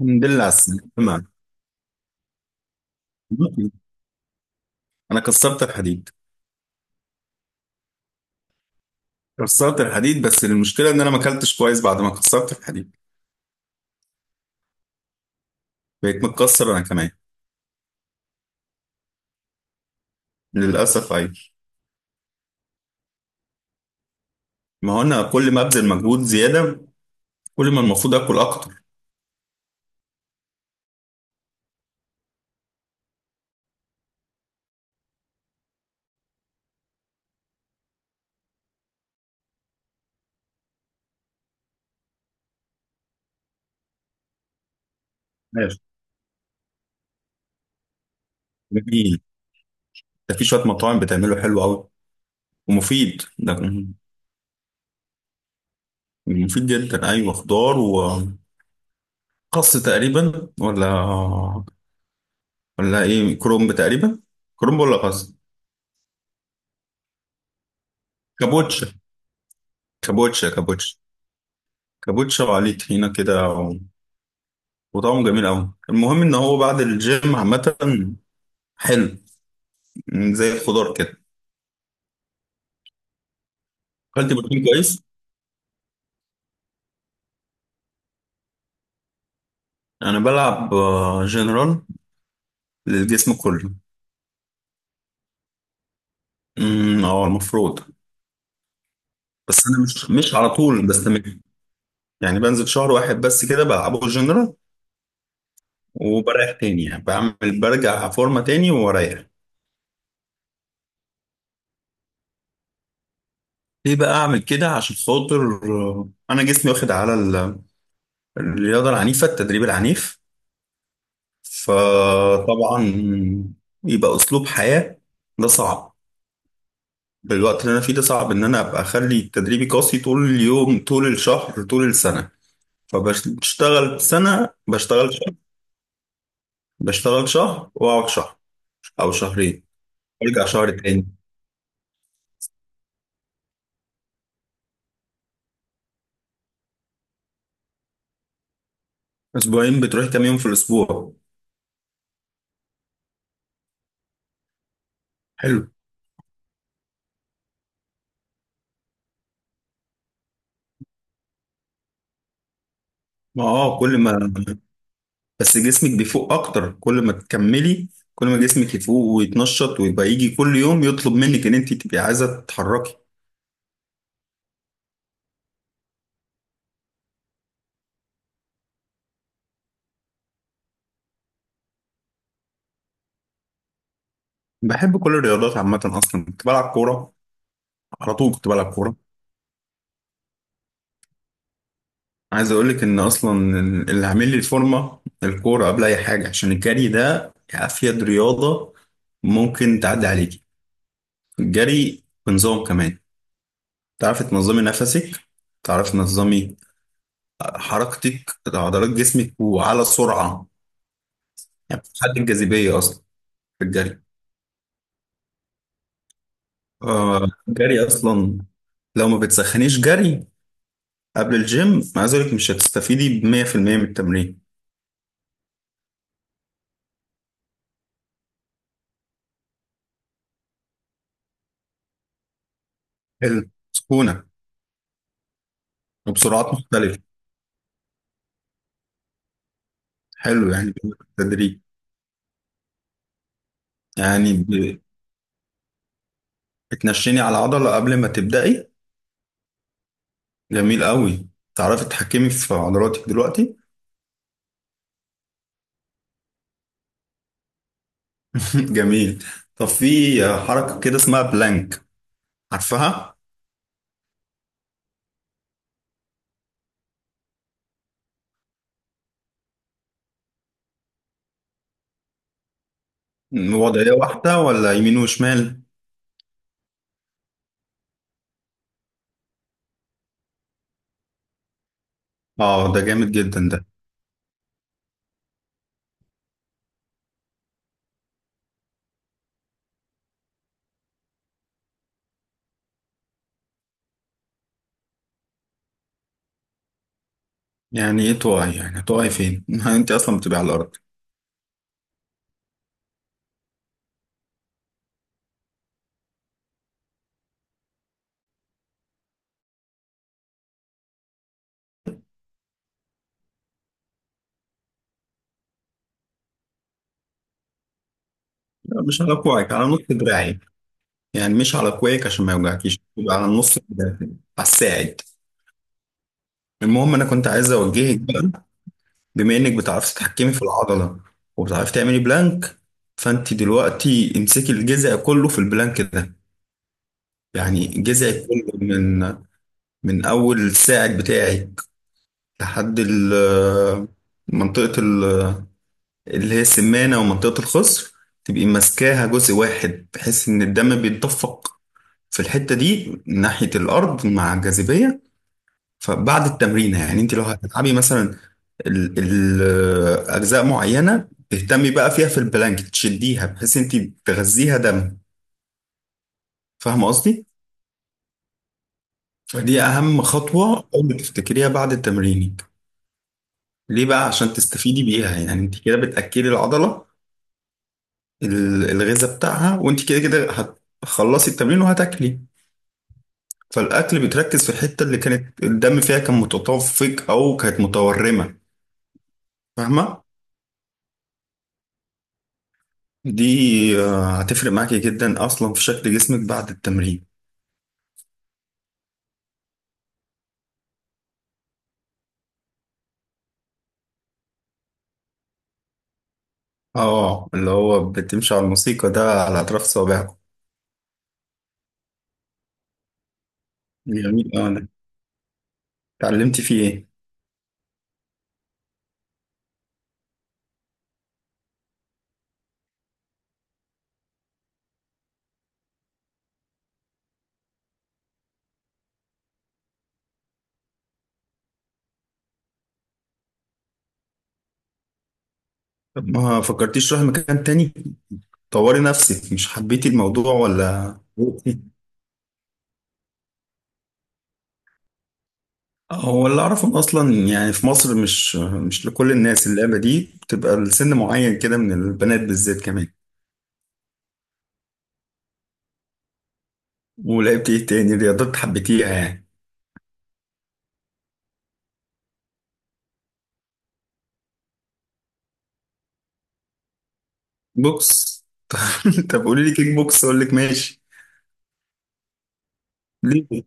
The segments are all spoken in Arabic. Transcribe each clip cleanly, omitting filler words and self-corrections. الحمد لله على السلامة، تمام. انا كسرت الحديد. كسرت الحديد، بس المشكله ان انا ما اكلتش كويس بعد ما كسرت الحديد. بقيت متكسر انا كمان. للاسف ايوه. ما هو انا كل ما ابذل مجهود زياده، كل ما المفروض اكل اكتر. ماشي. جميل. ده في شويه مطاعم بتعمله حلو قوي. ومفيد ده. مفيد جدا ايوه. خضار وخس تقريبا، ولا ايه، كرومب تقريبا، كرومب ولا خس؟ كابوتشا كابوتشا. كابوتشا كابوتشا وعليه طحينه كده. وطعمه جميل قوي. المهم ان هو بعد الجيم عامه حلو. زي الخضار كده. اكلت بروتين كويس. انا بلعب جنرال للجسم كله. امم، اه المفروض. بس انا مش على طول بستمر. يعني بنزل شهر واحد بس كده بلعبه جنرال. وبريح تاني. يعني بعمل برجع فورمه تاني واريح. ليه بقى اعمل كده؟ عشان خاطر انا جسمي واخد على الرياضه العنيفه، التدريب العنيف. فطبعا يبقى اسلوب حياة. ده صعب. بالوقت اللي انا فيه ده صعب ان انا ابقى اخلي تدريبي قاسي طول اليوم، طول الشهر، طول السنة. فبشتغل سنة، بشتغل شهر. بشتغل شهر واقعد شهر او شهرين. ارجع شهر تاني. اسبوعين بتروح كام يوم في الاسبوع؟ حلو. ما اه كل ما بس جسمك بيفوق اكتر كل ما تكملي. كل ما جسمك يفوق ويتنشط ويبقى يجي كل يوم يطلب منك ان انت تبقي عايزة تتحركي. بحب كل الرياضات عامة. أصلا كنت بلعب كورة. على طول كنت بلعب كورة. عايز أقول لك إن أصلا اللي عامل لي الفورمة الكورة قبل أي حاجة، عشان الجري ده أفيد رياضة ممكن تعدي عليكي. الجري بنظام كمان، تعرفي تنظمي نفسك، تعرفي تنظمي حركتك، عضلات جسمك وعلى سرعة. يعني بتحدد الجاذبية أصلا في الجري. آه الجري أصلا، لو ما بتسخنيش جري قبل الجيم، عايز أقول لك مش هتستفيدي بمية في المية من التمرين. حلو سكونة. وبسرعات مختلفة. حلو، يعني بالتدريج. يعني بتنشيني على عضلة قبل ما تبدأي. جميل قوي. تعرفي تتحكمي في عضلاتك دلوقتي. جميل. طب في حركة كده اسمها بلانك، عارفها؟ وضعية واحدة ولا يمين وشمال؟ اه ده جامد جدا ده. يعني ايه تقعي؟ يعني هتقعي فين؟ انت اصلا بتبقي على الارض. لا، مش على كوعك، على نص دراعي. يعني مش على كوعك عشان ما يوجعكيش، تبقى على نص دراعك. على الساعد. المهم انا كنت عايز اوجهك بقى. بما انك بتعرفي تتحكمي في العضله، وبتعرفي تعملي بلانك، فانت دلوقتي امسكي الجذع كله في البلانك ده. يعني جذعك كله من اول الساعد بتاعك لحد منطقه اللي هي السمانه ومنطقه الخصر. تبقي ماسكاها جزء واحد بحيث ان الدم بيتدفق في الحته دي ناحيه الارض مع الجاذبيه. فبعد التمرين، يعني انت لو هتلعبي مثلا اجزاء معينه تهتمي بقى فيها في البلانك، تشديها بحيث انت تغذيها دم. فاهمه قصدي؟ فدي اهم خطوه اول ما تفتكريها بعد تمرينك. ليه بقى؟ عشان تستفيدي بيها. يعني انت كده بتاكلي العضله، الغذاء بتاعها. وانت كده كده هتخلصي التمرين وهتاكلي، فالاكل بتركز في الحته اللي كانت الدم فيها كان متدفق او كانت متورمه. فاهمه؟ دي هتفرق معاكي جدا اصلا في شكل جسمك بعد التمرين. اه اللي هو بتمشي على الموسيقى ده على اطراف صوابعك. جميل. اه أنا اتعلمتي فيه ايه؟ طب ما فكرتيش تروحي مكان تاني، طوري نفسك؟ مش حبيتي الموضوع ولا زهقتي؟ هو اللي اعرفه إن اصلا يعني في مصر مش لكل الناس اللعبه دي، بتبقى لسن معين كده من البنات بالذات كمان. ولعبت ايه تاني رياضات حبيتيها يعني؟ بوكس. طب قولي لي كيك بوكس اقول لك ماشي. ليه؟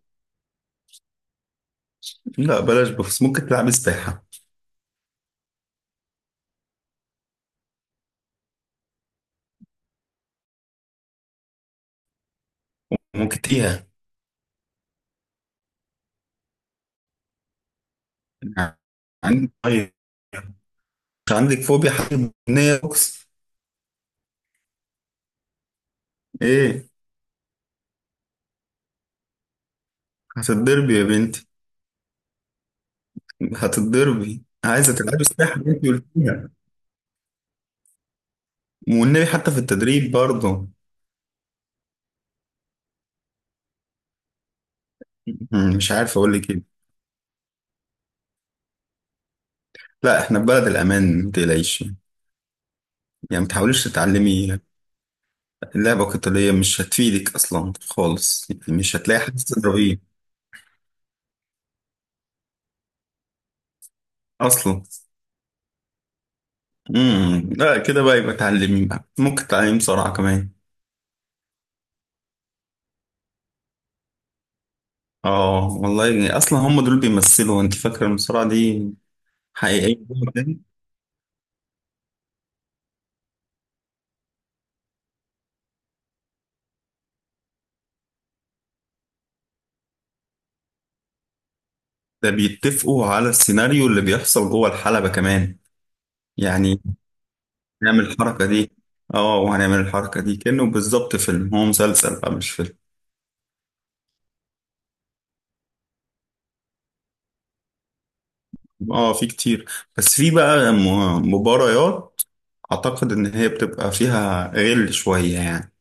لا بلاش، بس ممكن تلعب سباحة. ممكن تيها. عندك طيب، مش عندك فوبيا حاجة بنية بوكس. ايه؟ هتتضربي يا بنتي. هتتضربي، عايزة تلعبي سباحة بنتي قلتيها. والنبي حتى في التدريب برضه. مش عارف اقول لك ايه. لا، احنا في بلد الامان، ما تقلقيش. يعني ما تحاوليش تتعلمي. اللعبة القتالية مش هتفيدك اصلا خالص، يعني مش هتلاقي حد تضربيه اصلا. امم، لا كده بقى يبقى تعلمي بقى. ممكن تعلمي بسرعة كمان. اه والله، يعني اصلا هم دول بيمثلوا. انت فاكره المصارعه دي حقيقيه جوه البنك؟ ده بيتفقوا على السيناريو اللي بيحصل جوه الحلبه كمان. يعني نعمل الحركه دي، اه وهنعمل الحركه دي، كانه بالظبط فيلم. هو مسلسل بقى مش فيلم. اه في كتير. بس في بقى مباريات اعتقد ان هي بتبقى فيها غل شويه يعني.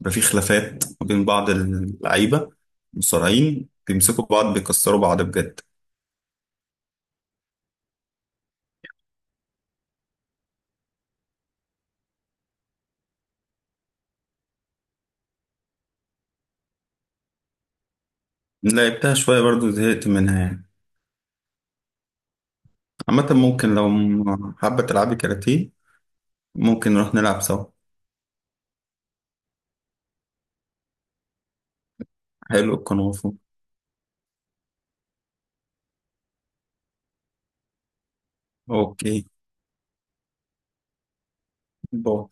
بيبقى في خلافات ما بين بعض اللعيبه، المصارعين بيمسكوا بعض، بيكسروا بعض بجد. لعبتها شويه برضو زهقت منها يعني. عامة ممكن لو حابة تلعبي كاراتيه، ممكن نروح نلعب سوا. حلو الكونغ فو. اوكي. باي.